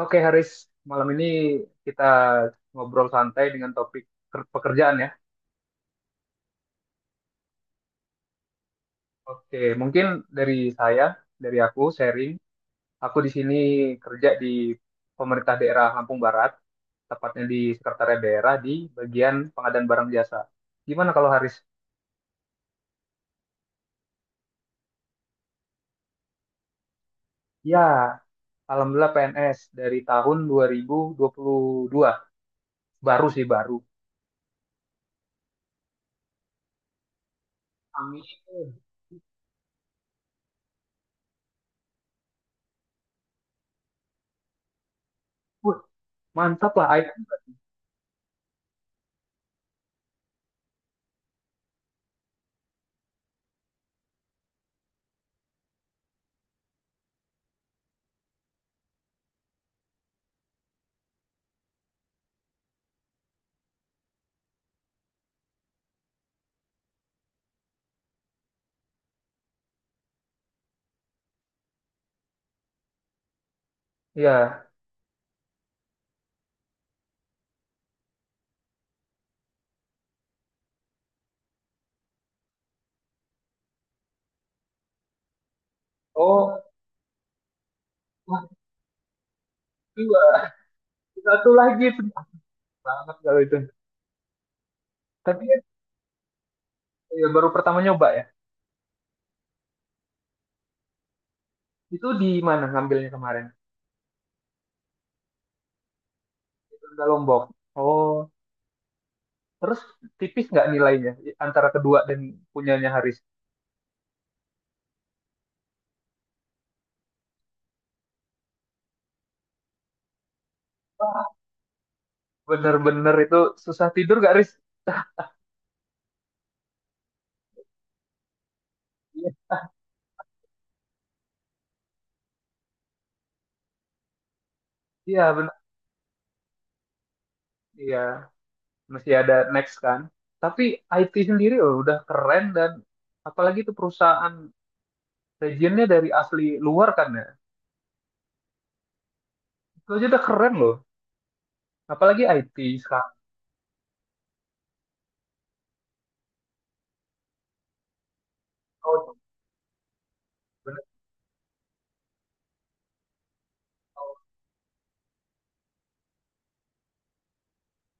Oke, Haris, malam ini kita ngobrol santai dengan topik pekerjaan ya. Oke, mungkin dari saya, dari aku sharing, aku di sini kerja di pemerintah daerah Lampung Barat, tepatnya di Sekretariat Daerah di bagian pengadaan barang jasa. Gimana kalau Haris? Ya, alhamdulillah PNS dari tahun dua 2022. Baru sih baru. Amin. Wah, mantap lah. I- Ya. Oh, wah, dua. Satu lagi. Banget kalau itu. Tapi ya, ya baru pertama nyoba ya. Itu di mana ngambilnya kemarin? Di Lombok. Oh, terus tipis nggak nilainya antara kedua dan punyanya Haris? Wah, bener-bener itu susah tidur gak Haris? Iya, iya bener. Iya, masih ada next kan. Tapi IT sendiri loh, udah keren dan apalagi itu perusahaan regionnya dari asli luar kan ya. Itu aja udah keren loh. Apalagi IT sekarang. Oh, bener. Oh,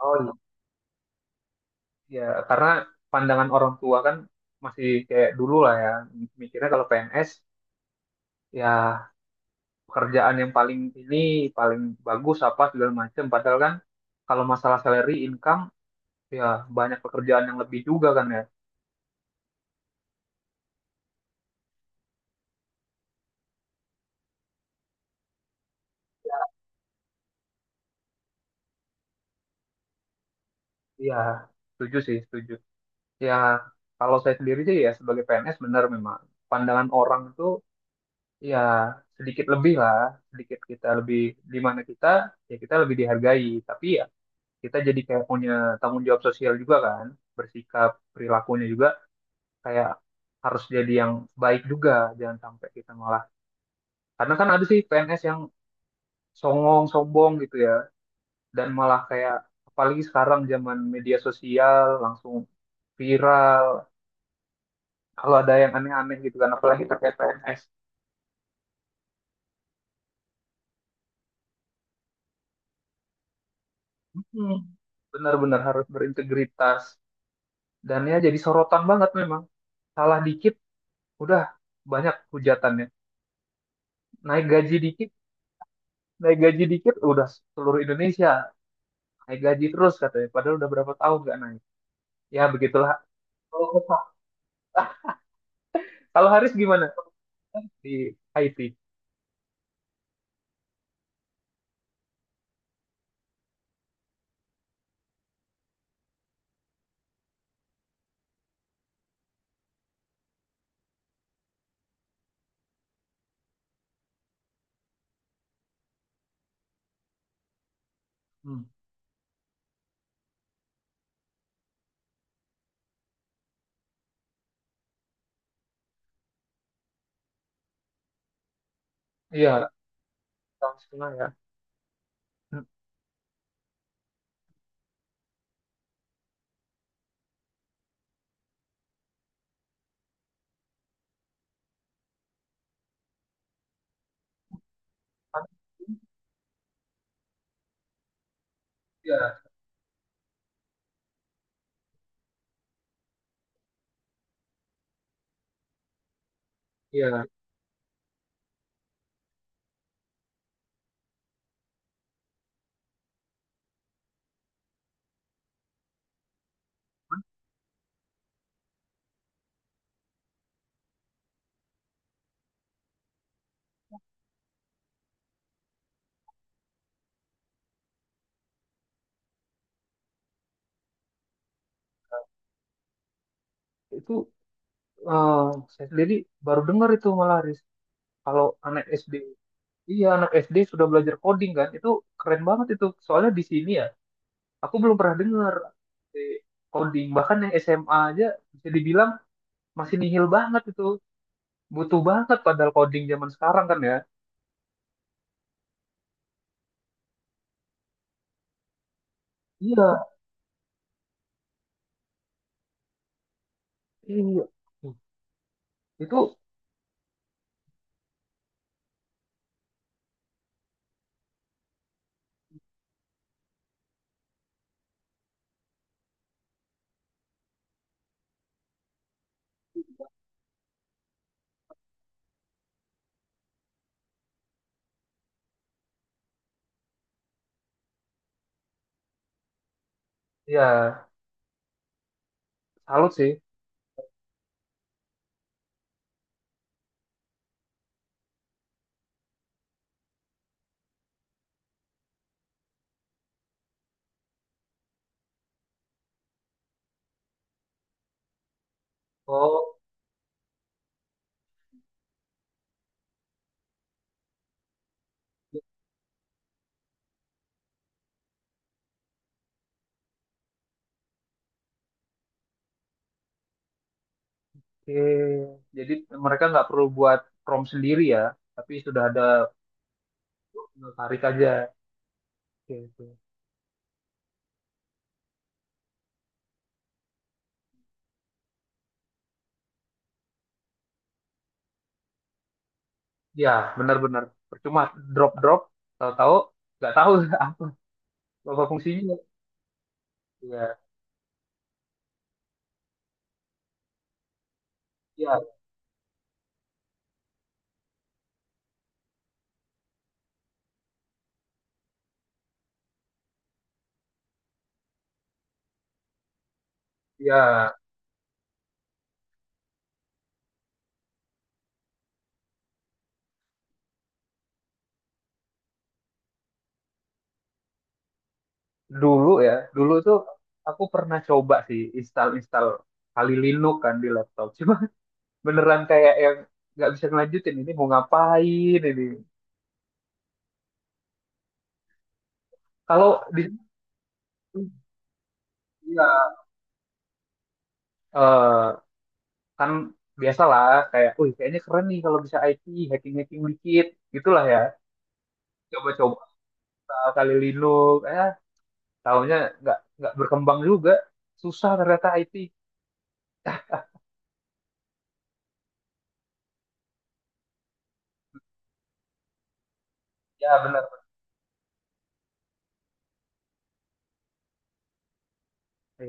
oh, iya. Ya, karena pandangan orang tua kan masih kayak dulu lah ya, mikirnya kalau PNS ya pekerjaan yang paling ini paling bagus apa segala macam. Padahal kan kalau masalah salary, income, ya banyak pekerjaan yang lebih juga kan ya. Iya, setuju sih, setuju. Ya, kalau saya sendiri sih ya sebagai PNS benar memang pandangan orang itu ya sedikit lebih lah, sedikit kita lebih di mana kita ya kita lebih dihargai. Tapi ya kita jadi kayak punya tanggung jawab sosial juga kan, bersikap perilakunya juga kayak harus jadi yang baik juga, jangan sampai kita malah, karena kan ada sih PNS yang songong sombong gitu ya, dan malah kayak apalagi sekarang zaman media sosial langsung viral kalau ada yang aneh-aneh gitu kan, apalagi terkait PNS. Hmm, benar-benar harus berintegritas dan ya jadi sorotan banget memang. Salah dikit udah banyak hujatannya. Naik gaji dikit, naik gaji dikit, udah seluruh Indonesia naik gaji terus katanya padahal udah berapa tahun nggak naik. Ya begitulah. Kalau kalau Haris gimana di IT? Hmm. Iya tahun setengah ya. Hmm. Iya, iya, itu, eh, saya sendiri baru dengar itu malah Haris, kalau anak SD, iya anak SD sudah belajar coding kan, itu keren banget itu soalnya di sini ya aku belum pernah dengar. eh, Coding bahkan yang SMA aja bisa dibilang masih nihil banget itu, butuh banget padahal coding zaman sekarang kan ya. Iya, iya. Hmm. Itu ya salut sih. Oh, oke. Jadi mereka nggak perlu buat prompt sendiri ya, tapi sudah ada, tarik aja. Oke, oke. Ya, benar-benar. Percuma drop-drop, tahu-tahu nggak tahu apa apa fungsinya. Ya, ya, ya. Dulu ya, dulu tuh aku pernah coba sih install-install kali Linux kan di laptop. Cuma beneran kayak yang nggak bisa ngelanjutin, ini mau ngapain ini kalau di, ya, eh, kan biasalah kayak wih kayaknya keren nih kalau bisa IT, hacking hacking dikit gitulah ya, coba-coba kali Linux, tahunya nggak berkembang juga, susah ternyata IT ya. Benar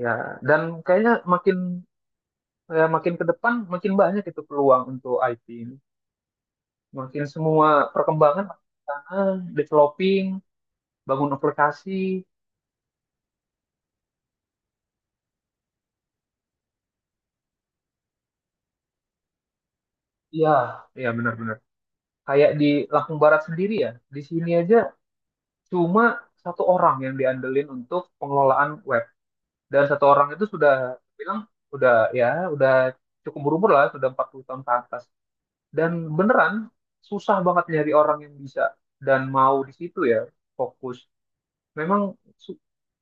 ya, dan kayaknya makin, ya makin ke depan makin banyak itu peluang untuk IT ini, makin semua perkembangan makin ke sana, developing, bangun aplikasi. Iya, iya benar-benar. Kayak di Lampung Barat sendiri ya, di sini aja cuma satu orang yang diandelin untuk pengelolaan web. Dan satu orang itu sudah bilang, udah ya, udah cukup berumur lah, sudah 40 tahun ke atas. Dan beneran susah banget nyari orang yang bisa dan mau di situ ya fokus. Memang su-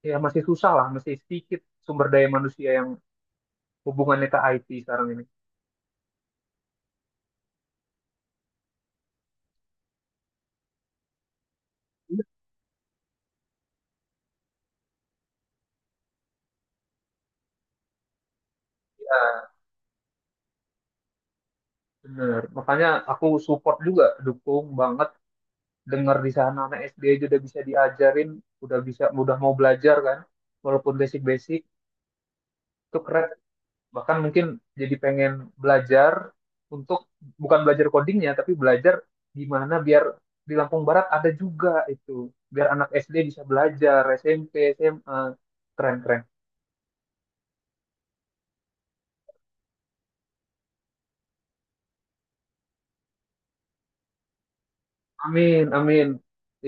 ya masih susah lah, masih sedikit sumber daya manusia yang hubungannya ke IT sekarang ini. Iya, bener. Makanya aku support juga, dukung banget dengar di sana anak SD aja udah bisa diajarin, udah bisa udah mau belajar kan, walaupun basic-basic itu keren. Bahkan mungkin jadi pengen belajar untuk bukan belajar codingnya, tapi belajar gimana biar di Lampung Barat ada juga itu, biar anak SD bisa belajar, SMP, SMA, keren keren. Amin, amin.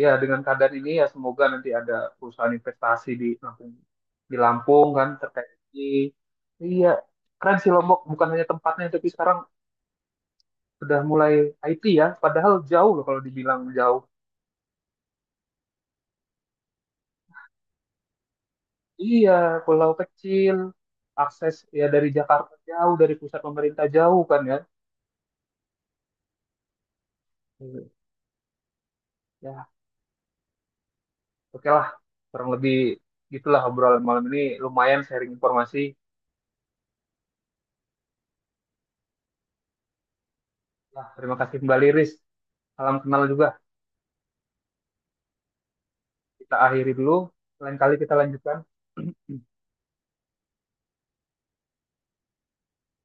Ya, dengan keadaan ini ya semoga nanti ada perusahaan investasi di Lampung kan terkait ini. Iya, keren sih Lombok. Bukan hanya tempatnya, tapi sekarang udah mulai IT ya. Padahal jauh loh kalau dibilang jauh. Iya, pulau kecil, akses ya dari Jakarta jauh, dari pusat pemerintah jauh kan ya. Hmm. Ya, oke lah. Kurang lebih gitulah obrolan malam ini. Lumayan sharing informasi. Ya, terima kasih kembali Riz. Salam kenal juga. Kita akhiri dulu, lain kali kita lanjutkan.